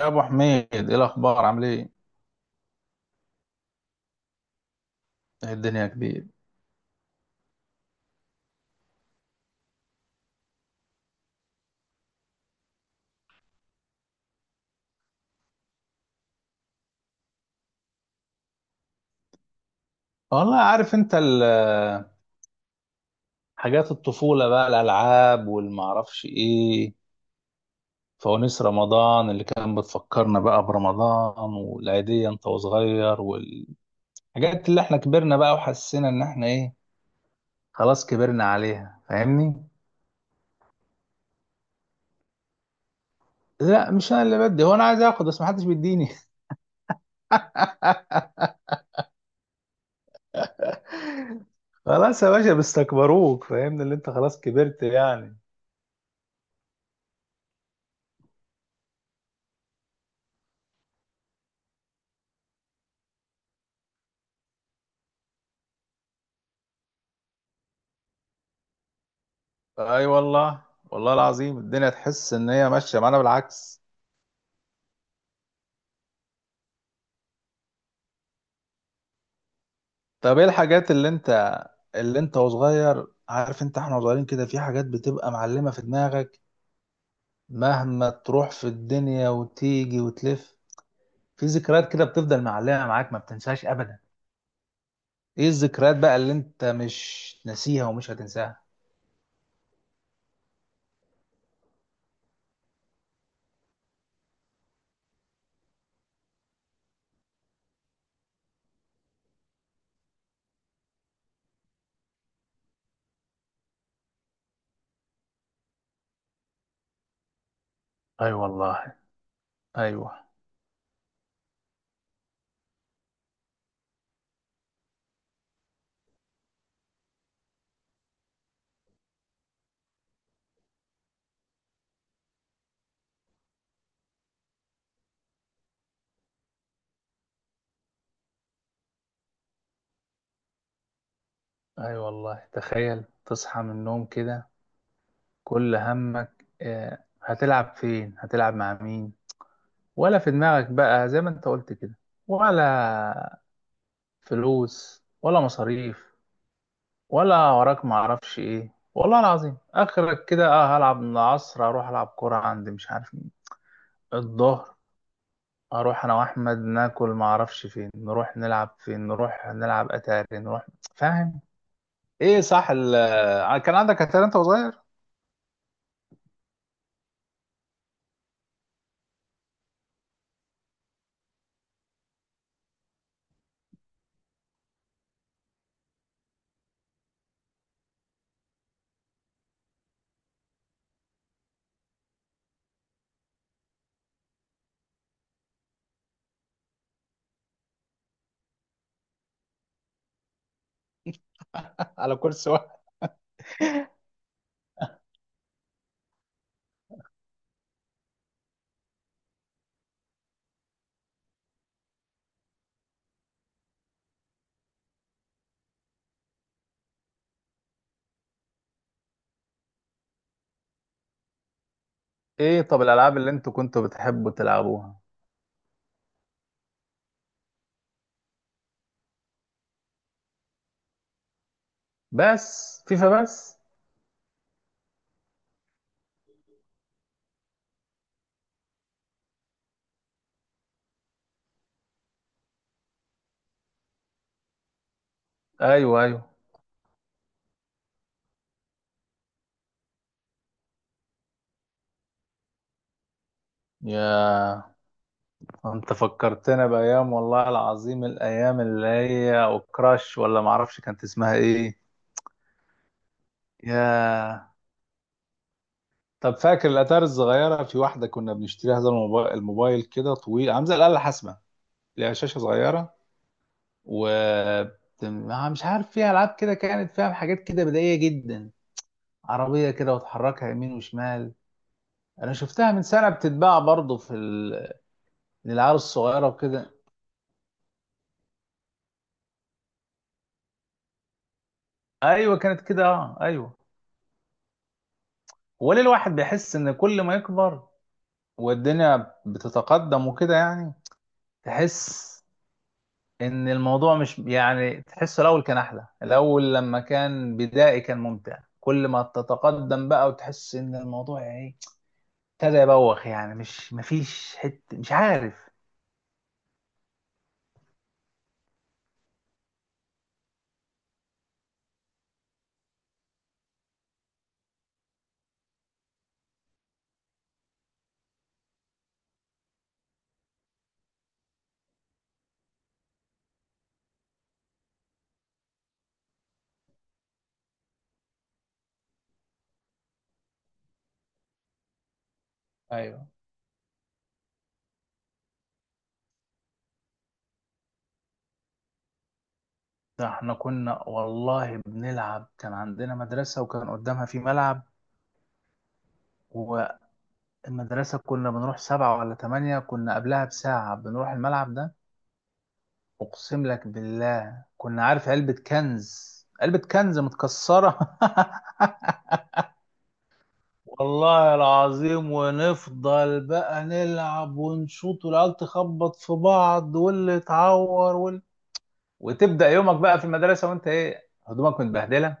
يا ابو حميد، ايه الاخبار عامل ايه؟ إيه الدنيا كبير. والله عارف انت حاجات الطفوله بقى، الالعاب والمعرفش ايه، فوانيس رمضان اللي كان بتفكرنا بقى برمضان، والعيديه انت وصغير، والحاجات اللي احنا كبرنا بقى وحسينا ان احنا ايه، خلاص كبرنا عليها فاهمني. لا مش انا اللي بدي، هو انا عايز اخد بس محدش بيديني. خلاص يا باشا بيستكبروك فاهمني اللي انت خلاص كبرت يعني. اي والله. والله العظيم الدنيا تحس ان هي ماشيه معانا بالعكس. طب ايه الحاجات اللي انت، اللي انت وصغير، عارف انت احنا وصغيرين كده في حاجات بتبقى معلمه في دماغك، مهما تروح في الدنيا وتيجي وتلف، في ذكريات كده بتفضل معلمه معاك ما بتنساهاش ابدا. ايه الذكريات بقى اللي انت مش ناسيها ومش هتنساها؟ اي والله. ايوه. اي والله تخيل تصحى من النوم كده كل همك آه، هتلعب فين هتلعب مع مين، ولا في دماغك بقى زي ما انت قلت كده، ولا فلوس ولا مصاريف، ولا وراك معرفش ايه. والله العظيم اخرك كده اه هلعب من العصر اروح العب كرة عند مش عارف مين الظهر. اروح انا واحمد ناكل معرفش فين، نروح نلعب فين، نروح نلعب اتاري، نروح فاهم. ايه صح آه، كان عندك اتاري انت وصغير؟ على كرسي واحد؟ ايه طب الالعاب اللي انتوا كنتوا بتحبوا تلعبوها؟ بس فيفا بس؟ ايوه ايوه. يا انت فكرتنا بايام والله العظيم، الايام اللي هي وكراش ولا معرفش كانت اسمها ايه. يا طب فاكر الاتاري الصغيره، في واحده كنا بنشتريها زي الموبايل، الموبايل كده طويل عامل زي الاله الحاسبه، ليها شاشه صغيره و مش عارف فيها العاب كده، كانت فيها حاجات كده بدائيه جدا، عربيه كده وتحركها يمين وشمال. انا شفتها من سنه بتتباع برضه في للعيال الصغيره وكده. ايوه كانت كده اه ايوه. وليه الواحد بيحس ان كل ما يكبر والدنيا بتتقدم وكده، يعني تحس ان الموضوع مش يعني، تحسه الاول كان احلى، الاول لما كان بدائي كان ممتع، كل ما تتقدم بقى وتحس ان الموضوع يعني ايه ابتدى يبوخ يعني. مش مفيش حته مش عارف. ايوه ده احنا كنا والله بنلعب، كان عندنا مدرسة وكان قدامها في ملعب، والمدرسة كنا بنروح سبعة ولا تمانية، كنا قبلها بساعة بنروح الملعب ده. اقسم لك بالله كنا عارف، علبة كنز، علبة كنز متكسرة. والله العظيم ونفضل بقى نلعب ونشوط، والعيال تخبط في بعض، واللي اتعور وتبدأ يومك بقى في المدرسة وانت ايه هدومك متبهدلة،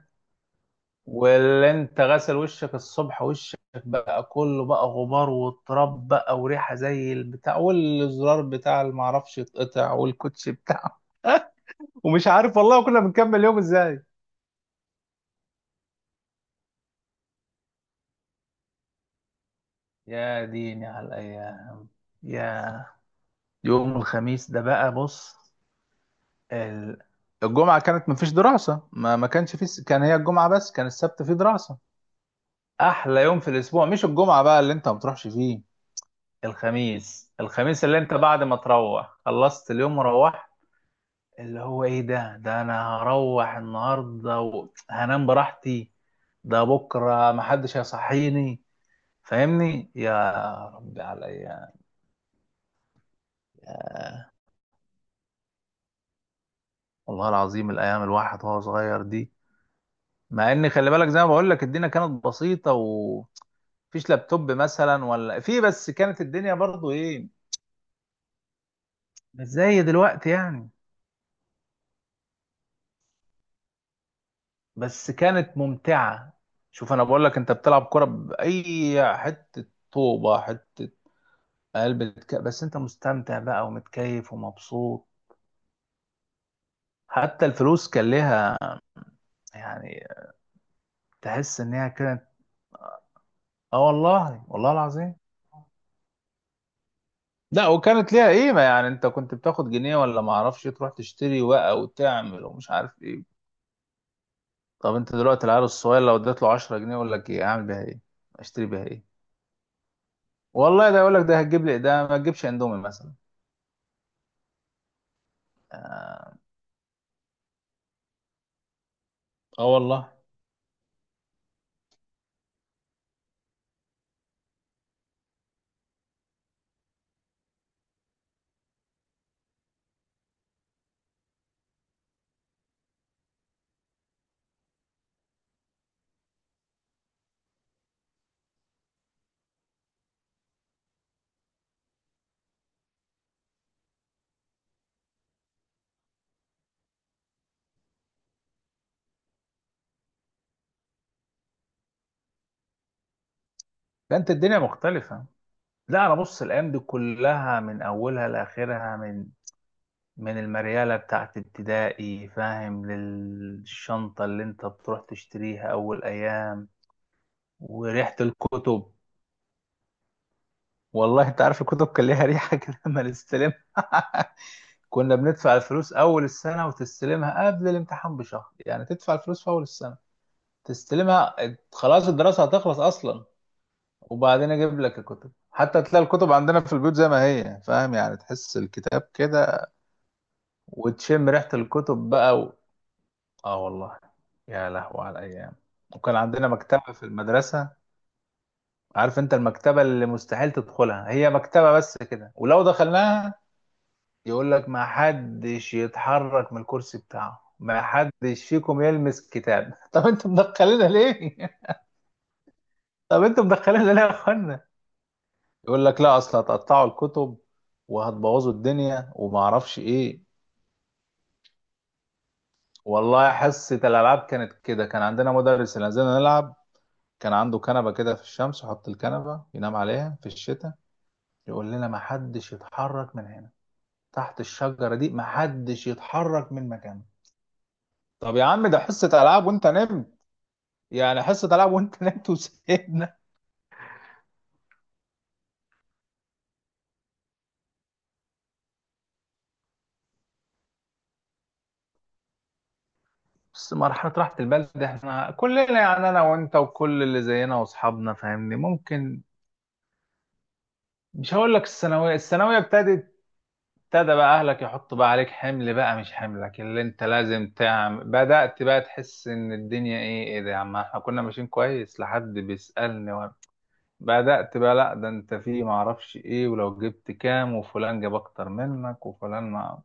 واللي انت غسل وشك الصبح، وشك بقى كله بقى غبار وتراب بقى، وريحة زي البتاع، والزرار بتاع اللي معرفش يتقطع، والكوتش بتاعه. ومش عارف والله كنا بنكمل يوم ازاي. يا ديني على الأيام. يا يوم الخميس ده بقى بص، ال- الجمعة كانت مفيش دراسة، ما كانش في كان هي الجمعة بس، كان السبت فيه دراسة. أحلى يوم في الأسبوع مش الجمعة بقى اللي أنت ما بتروحش فيه، الخميس. الخميس اللي أنت بعد ما تروح خلصت اليوم وروحت، اللي هو إيه ده، ده أنا هروح النهاردة وهنام براحتي، ده بكرة محدش هيصحيني فاهمني. يا ربي على الأيام. والله العظيم الأيام الواحد وهو صغير دي، مع ان خلي بالك زي ما بقول لك الدنيا كانت بسيطه ومفيش لابتوب مثلا ولا في، بس كانت الدنيا برضو ايه، مش زي دلوقتي يعني. بس كانت ممتعه. شوف انا بقول لك، انت بتلعب كره باي حته، طوبه حته قلب بس انت مستمتع بقى ومتكيف ومبسوط، حتى الفلوس كان ليها يعني تحس ان هي كانت، اه والله. والله العظيم لا وكانت ليها قيمه، يعني انت كنت بتاخد جنيه ولا ما اعرفش تروح تشتري بقى وتعمل ومش عارف ايه. طب انت دلوقتي العيال الصغير لو اديت له 10 جنيه يقول لك ايه، اعمل بيها ايه اشتري بيها ايه؟ والله ده يقول لك ده هتجيب لي ده، ما تجيبش اندومي مثلا. اه والله فانت الدنيا مختلفة. لا انا بص، الايام دي كلها من اولها لاخرها، من المريالة بتاعت ابتدائي فاهم، للشنطة اللي انت بتروح تشتريها اول ايام، وريحة الكتب. والله انت عارف الكتب كان ليها ريحة كده لما نستلمها. كنا بندفع الفلوس اول السنة وتستلمها قبل الامتحان بشهر، يعني تدفع الفلوس في اول السنة تستلمها خلاص الدراسة هتخلص أصلا، وبعدين أجيب لك الكتب. حتى تلاقي الكتب عندنا في البيوت زي ما هي فاهم، يعني تحس الكتاب كده، وتشم ريحة الكتب بقى. آه والله. يا لهوي على الأيام. وكان عندنا مكتبة في المدرسة، عارف أنت المكتبة اللي مستحيل تدخلها، هي مكتبة بس كده ولو دخلناها يقول لك ما حدش يتحرك من الكرسي بتاعه، ما حدش فيكم يلمس كتاب. طب انتوا مدخلينها ليه؟ طب انتوا مدخلينها ليه يا اخوانا؟ يقول لك لا اصل هتقطعوا الكتب وهتبوظوا الدنيا وما اعرفش ايه. والله حصة الالعاب كانت كده، كان عندنا مدرس اللي نزلنا نلعب، كان عنده كنبة كده في الشمس يحط الكنبة ينام عليها في الشتاء، يقول لنا ما حدش يتحرك من هنا، تحت الشجرة دي ما حدش يتحرك من مكانه. طب يا عم ده حصة العاب وانت نمت، يعني حصة العاب وانت نمت وسيبنا. بس مرحلة راحة البال ده احنا كلنا يعني انا وانت وكل اللي زينا واصحابنا فاهمني، ممكن مش هقول لك الثانويه، الثانويه ابتدت، ابتدى بقى اهلك يحطوا بقى عليك حمل بقى مش حملك اللي انت لازم تعمل، بدات بقى تحس ان الدنيا ايه، ايه ده يا عم احنا كنا ماشيين كويس لحد بيسالني وانا، بدات بقى لا ده انت في ما اعرفش ايه، ولو جبت كام، وفلان جاب اكتر منك، وفلان ما.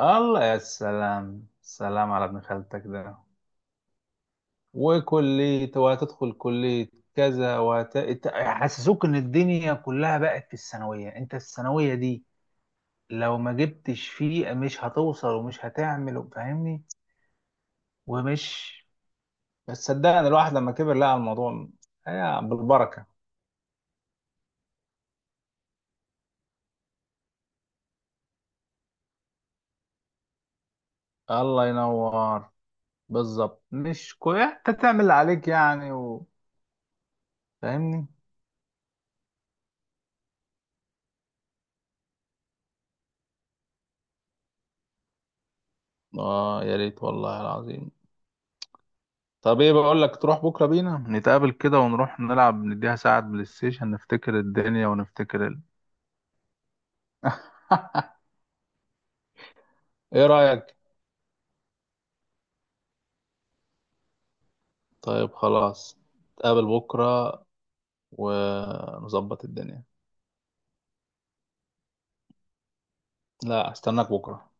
الله يا سلام سلام على ابن خالتك ده، وكلية وهتدخل كلية كذا يحسسوك ان الدنيا كلها بقت في الثانوية، انت الثانوية دي لو ما جبتش فيه مش هتوصل ومش هتعمل فاهمني. ومش، بس صدقني الواحد لما كبر لقى الموضوع هي بالبركة. الله ينور. بالظبط مش كويس انت تعمل اللي عليك يعني فاهمني. اه يا ريت والله العظيم. طب ايه بقول لك تروح بكرة بينا نتقابل كده ونروح نلعب، نديها ساعة بلاي ستيشن نفتكر الدنيا ونفتكر ايه رأيك؟ طيب خلاص نتقابل بكرة ونظبط الدنيا. لا استناك بكرة.